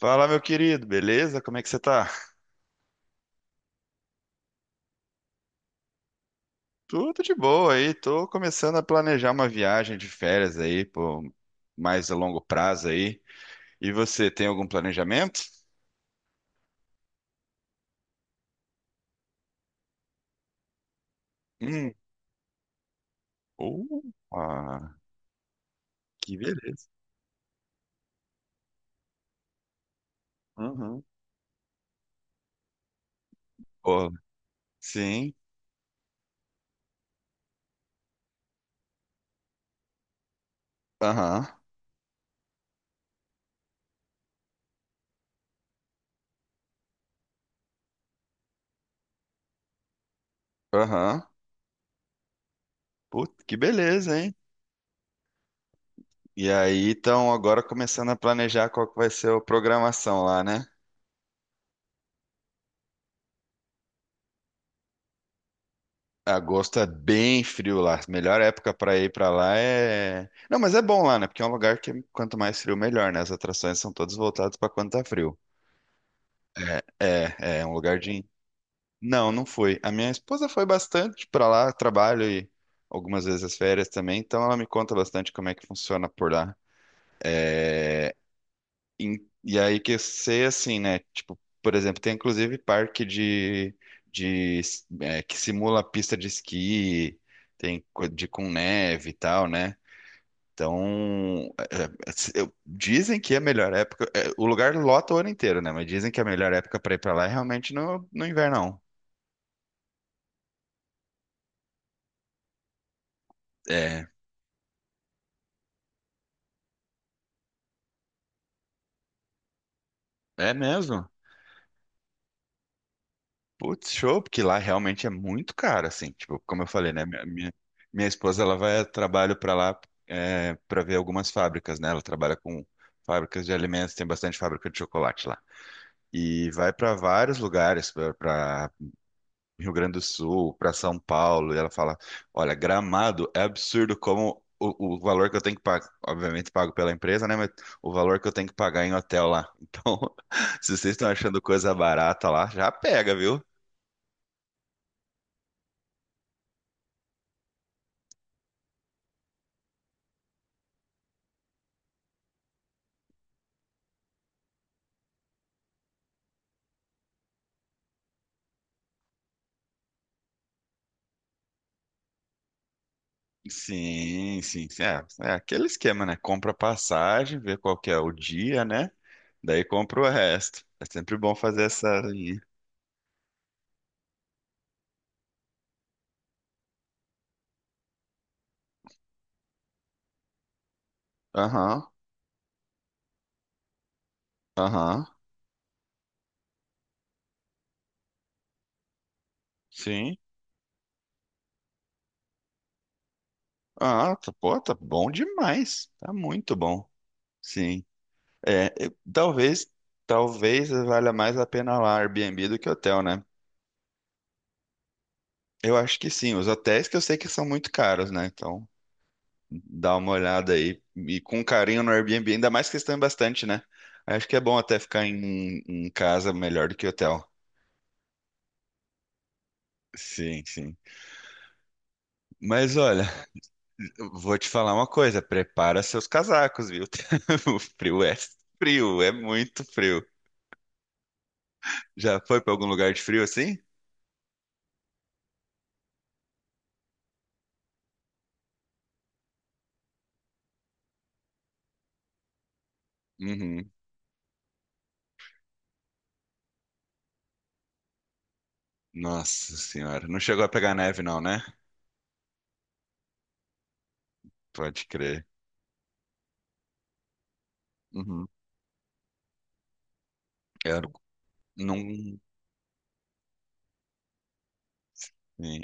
Fala, meu querido, beleza? Como é que você tá? Tudo de boa aí, tô começando a planejar uma viagem de férias aí, pô, mais a longo prazo aí. E você, tem algum planejamento? Hum. uh, ah, que beleza. Uhum. Pô, sim, aham, aham. Puta, que beleza, hein? E aí, então, agora começando a planejar qual que vai ser a programação lá, né? Agosto é bem frio lá. Melhor época pra ir pra lá é. Não, mas é bom lá, né? Porque é um lugar que quanto mais frio, melhor, né? As atrações são todas voltadas pra quando tá frio. É um lugar de. Não, não fui. A minha esposa foi bastante pra lá, trabalho e algumas vezes as férias também, então ela me conta bastante como é que funciona por lá. E aí que eu sei assim, né? Tipo, por exemplo, tem inclusive parque de, de que simula pista de esqui, tem co- de com neve e tal, né? Então, é, é, dizem que é a melhor época. É, o lugar lota o ano inteiro, né? Mas dizem que a melhor época pra ir pra lá é realmente no inverno. Não. É mesmo? Putz, show, porque lá realmente é muito caro, assim. Tipo, como eu falei, né? Minha esposa, ela vai a trabalho para lá é, para ver algumas fábricas, né? Ela trabalha com fábricas de alimentos, tem bastante fábrica de chocolate lá. E vai para vários lugares, para Rio Grande do Sul, para São Paulo, e ela fala: Olha, Gramado é absurdo como o valor que eu tenho que pagar, obviamente pago pela empresa, né? Mas o valor que eu tenho que pagar em hotel lá. Então, se vocês estão achando coisa barata lá, já pega, viu? Sim, sim, sim. É, é aquele esquema, né? Compra passagem, vê qual que é o dia, né? Daí compra o resto. É sempre bom fazer essa linha. Aham, aham, sim. Ah, tá, pô, tá bom demais. Tá muito bom. Sim. É, eu- talvez, talvez valha mais a pena lá Airbnb do que hotel, né? Eu acho que sim. Os hotéis que eu sei que são muito caros, né? Então, dá uma olhada aí e com carinho no Airbnb, ainda mais que eles estão em bastante, né? Acho que é bom até ficar em casa melhor do que hotel. Sim, sim. Mas olha, eu vou te falar uma coisa, prepara seus casacos, viu? O frio, é muito frio. Já foi para algum lugar de frio assim? Uhum. Nossa senhora, não chegou a pegar neve não, né? Pode crer. Uhum. Eu não, sim.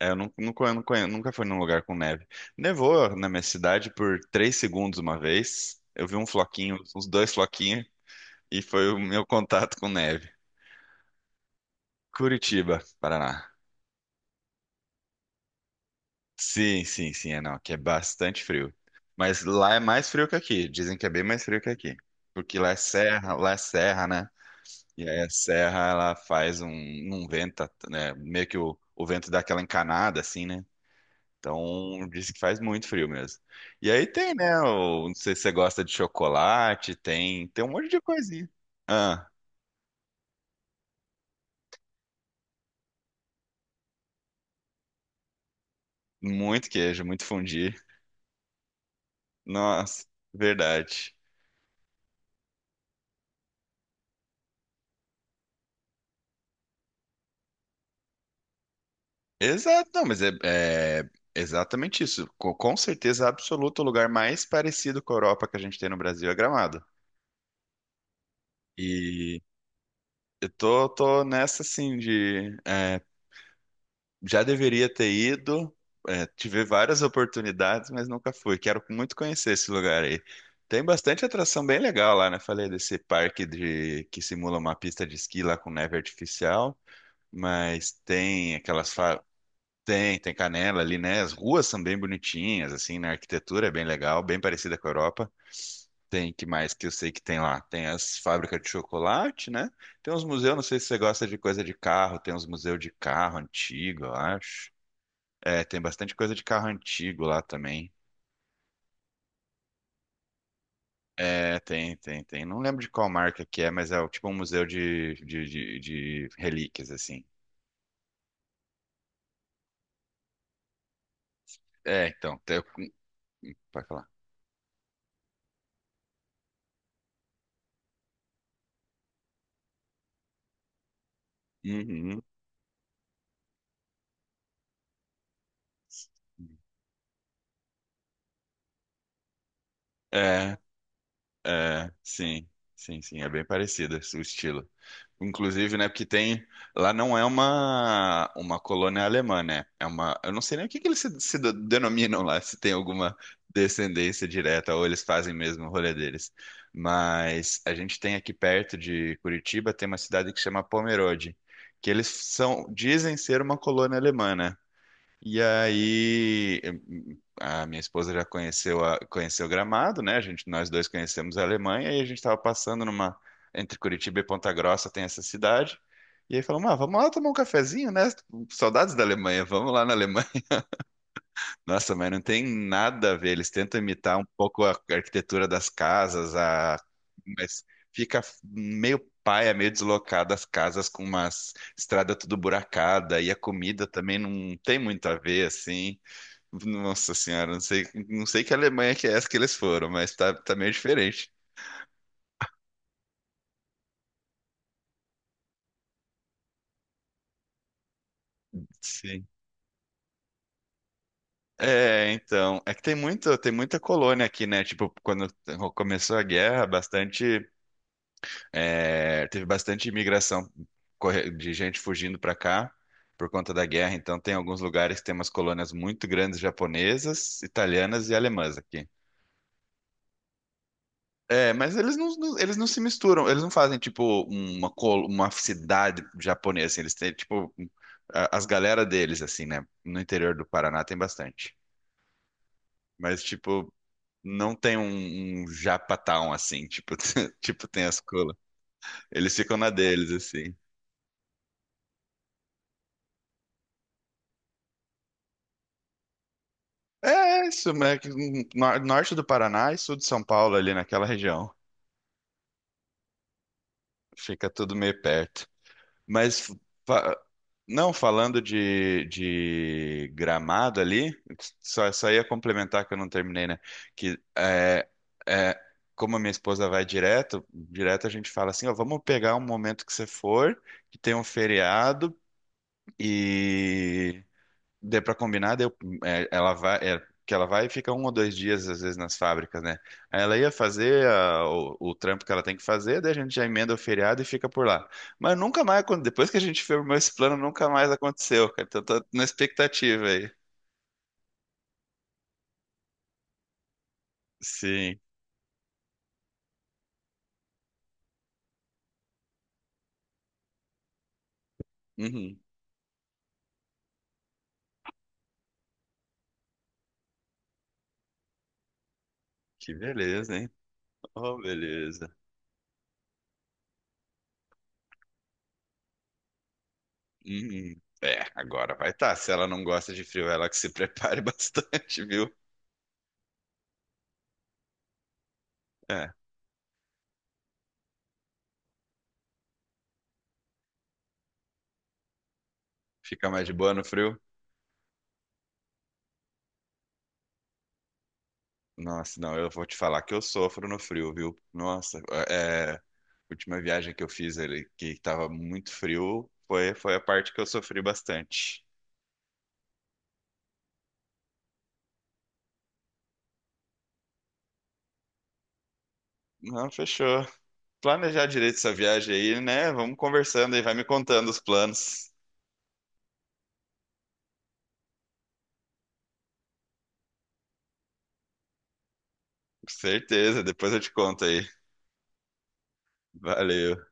É, eu nunca fui num lugar com neve. Nevou na minha cidade por 3 segundos uma vez. Eu vi um floquinho, uns dois floquinhos, e foi o meu contato com neve. Curitiba, Paraná. Sim, sim, sim, é não, aqui é bastante frio. Mas lá é mais frio que aqui. Dizem que é bem mais frio que aqui. Porque lá é serra, né? E aí a serra, ela faz um vento, né? Meio que o vento dá aquela encanada, assim, né? Então, diz que faz muito frio mesmo. E aí tem, né? o- não sei se você gosta de chocolate, tem um monte de coisinha. Ah, muito queijo, muito fundi. Nossa, verdade. Exato, não, mas é, é exatamente isso. Com certeza absoluta, o lugar mais parecido com a Europa que a gente tem no Brasil é Gramado. E eu tô nessa, assim, de. Já deveria ter ido, tive várias oportunidades, mas nunca fui. Quero muito conhecer esse lugar aí. Tem bastante atração bem legal lá, né? Falei desse parque de que simula uma pista de esqui lá com neve artificial, mas tem aquelas fa- tem, tem Canela ali, né? As ruas são bem bonitinhas, assim, na arquitetura é bem legal, bem parecida com a Europa. Tem que mais que eu sei que tem lá? Tem as fábricas de chocolate, né? Tem uns museus, não sei se você gosta de coisa de carro, tem uns museus de carro antigo, eu acho. É, tem bastante coisa de carro antigo lá também. É, tem, tem, tem. Não lembro de qual marca que é, mas é tipo um museu de relíquias, assim. É, então, pode falar. Uhum. É, É, sim, sim, sim, é bem parecida o estilo. Inclusive, né, porque tem, lá não é uma colônia alemã, né? É uma, eu não sei nem o que que eles se, denominam lá, se tem alguma descendência direta ou eles fazem mesmo o rolê deles. Mas a gente tem aqui perto de Curitiba, tem uma cidade que chama Pomerode, que eles são, dizem ser uma colônia alemã, né? E aí a minha esposa já conheceu Gramado, né? A gente, nós dois conhecemos a Alemanha e a gente estava passando numa entre Curitiba e Ponta Grossa tem essa cidade. E aí falamos, ah, vamos lá tomar um cafezinho, né? Saudades da Alemanha, vamos lá na Alemanha. Nossa, mas não tem nada a ver. Eles tentam imitar um pouco a arquitetura das casas, a... mas fica meio paia, meio deslocada as casas com uma estrada tudo buracada e a comida também não tem muito a ver, assim. Nossa senhora, não sei, não sei que Alemanha que é essa que eles foram, mas tá, tá meio diferente. Sim. É, então, é que tem muita colônia aqui, né? Tipo, quando começou a guerra, bastante, teve bastante imigração de gente fugindo pra cá por conta da guerra. Então, tem alguns lugares que tem umas colônias muito grandes japonesas, italianas e alemãs aqui. É, mas eles eles não se misturam, eles não fazem tipo uma cidade japonesa, assim, eles têm tipo as galera deles, assim, né? No interior do Paraná tem bastante. Mas tipo, não tem um, um Japatown, assim, tipo, tipo tem as colas. Eles ficam na deles, assim. É é isso, né? que Norte do Paraná e sul de São Paulo, ali naquela região. Fica tudo meio perto. Mas fa- não falando de Gramado ali, só ia complementar que eu não terminei, né? Que é, é, Como a minha esposa vai direto, direto a gente fala assim, ó, vamos pegar um momento que você for, que tem um feriado e Deu pra combinar, deu, ela vai e fica 1 ou 2 dias, às vezes, nas fábricas, né? Aí ela ia fazer o trampo que ela tem que fazer, daí a gente já emenda o feriado e fica por lá. Mas nunca mais, depois que a gente firmou esse plano, nunca mais aconteceu, cara. Então tô na expectativa aí. Sim. Uhum. Que beleza, hein? Oh, beleza. Uhum. É, agora vai estar. Se ela não gosta de frio, ela que se prepare bastante, viu? É, fica mais de boa no frio. Nossa, não, eu vou te falar que eu sofro no frio, viu? Nossa, é, última viagem que eu fiz ali, que tava muito frio, foi a parte que eu sofri bastante. Não, fechou. Planejar direito essa viagem aí, né? Vamos conversando aí, vai me contando os planos. Com certeza, depois eu te conto aí. Valeu.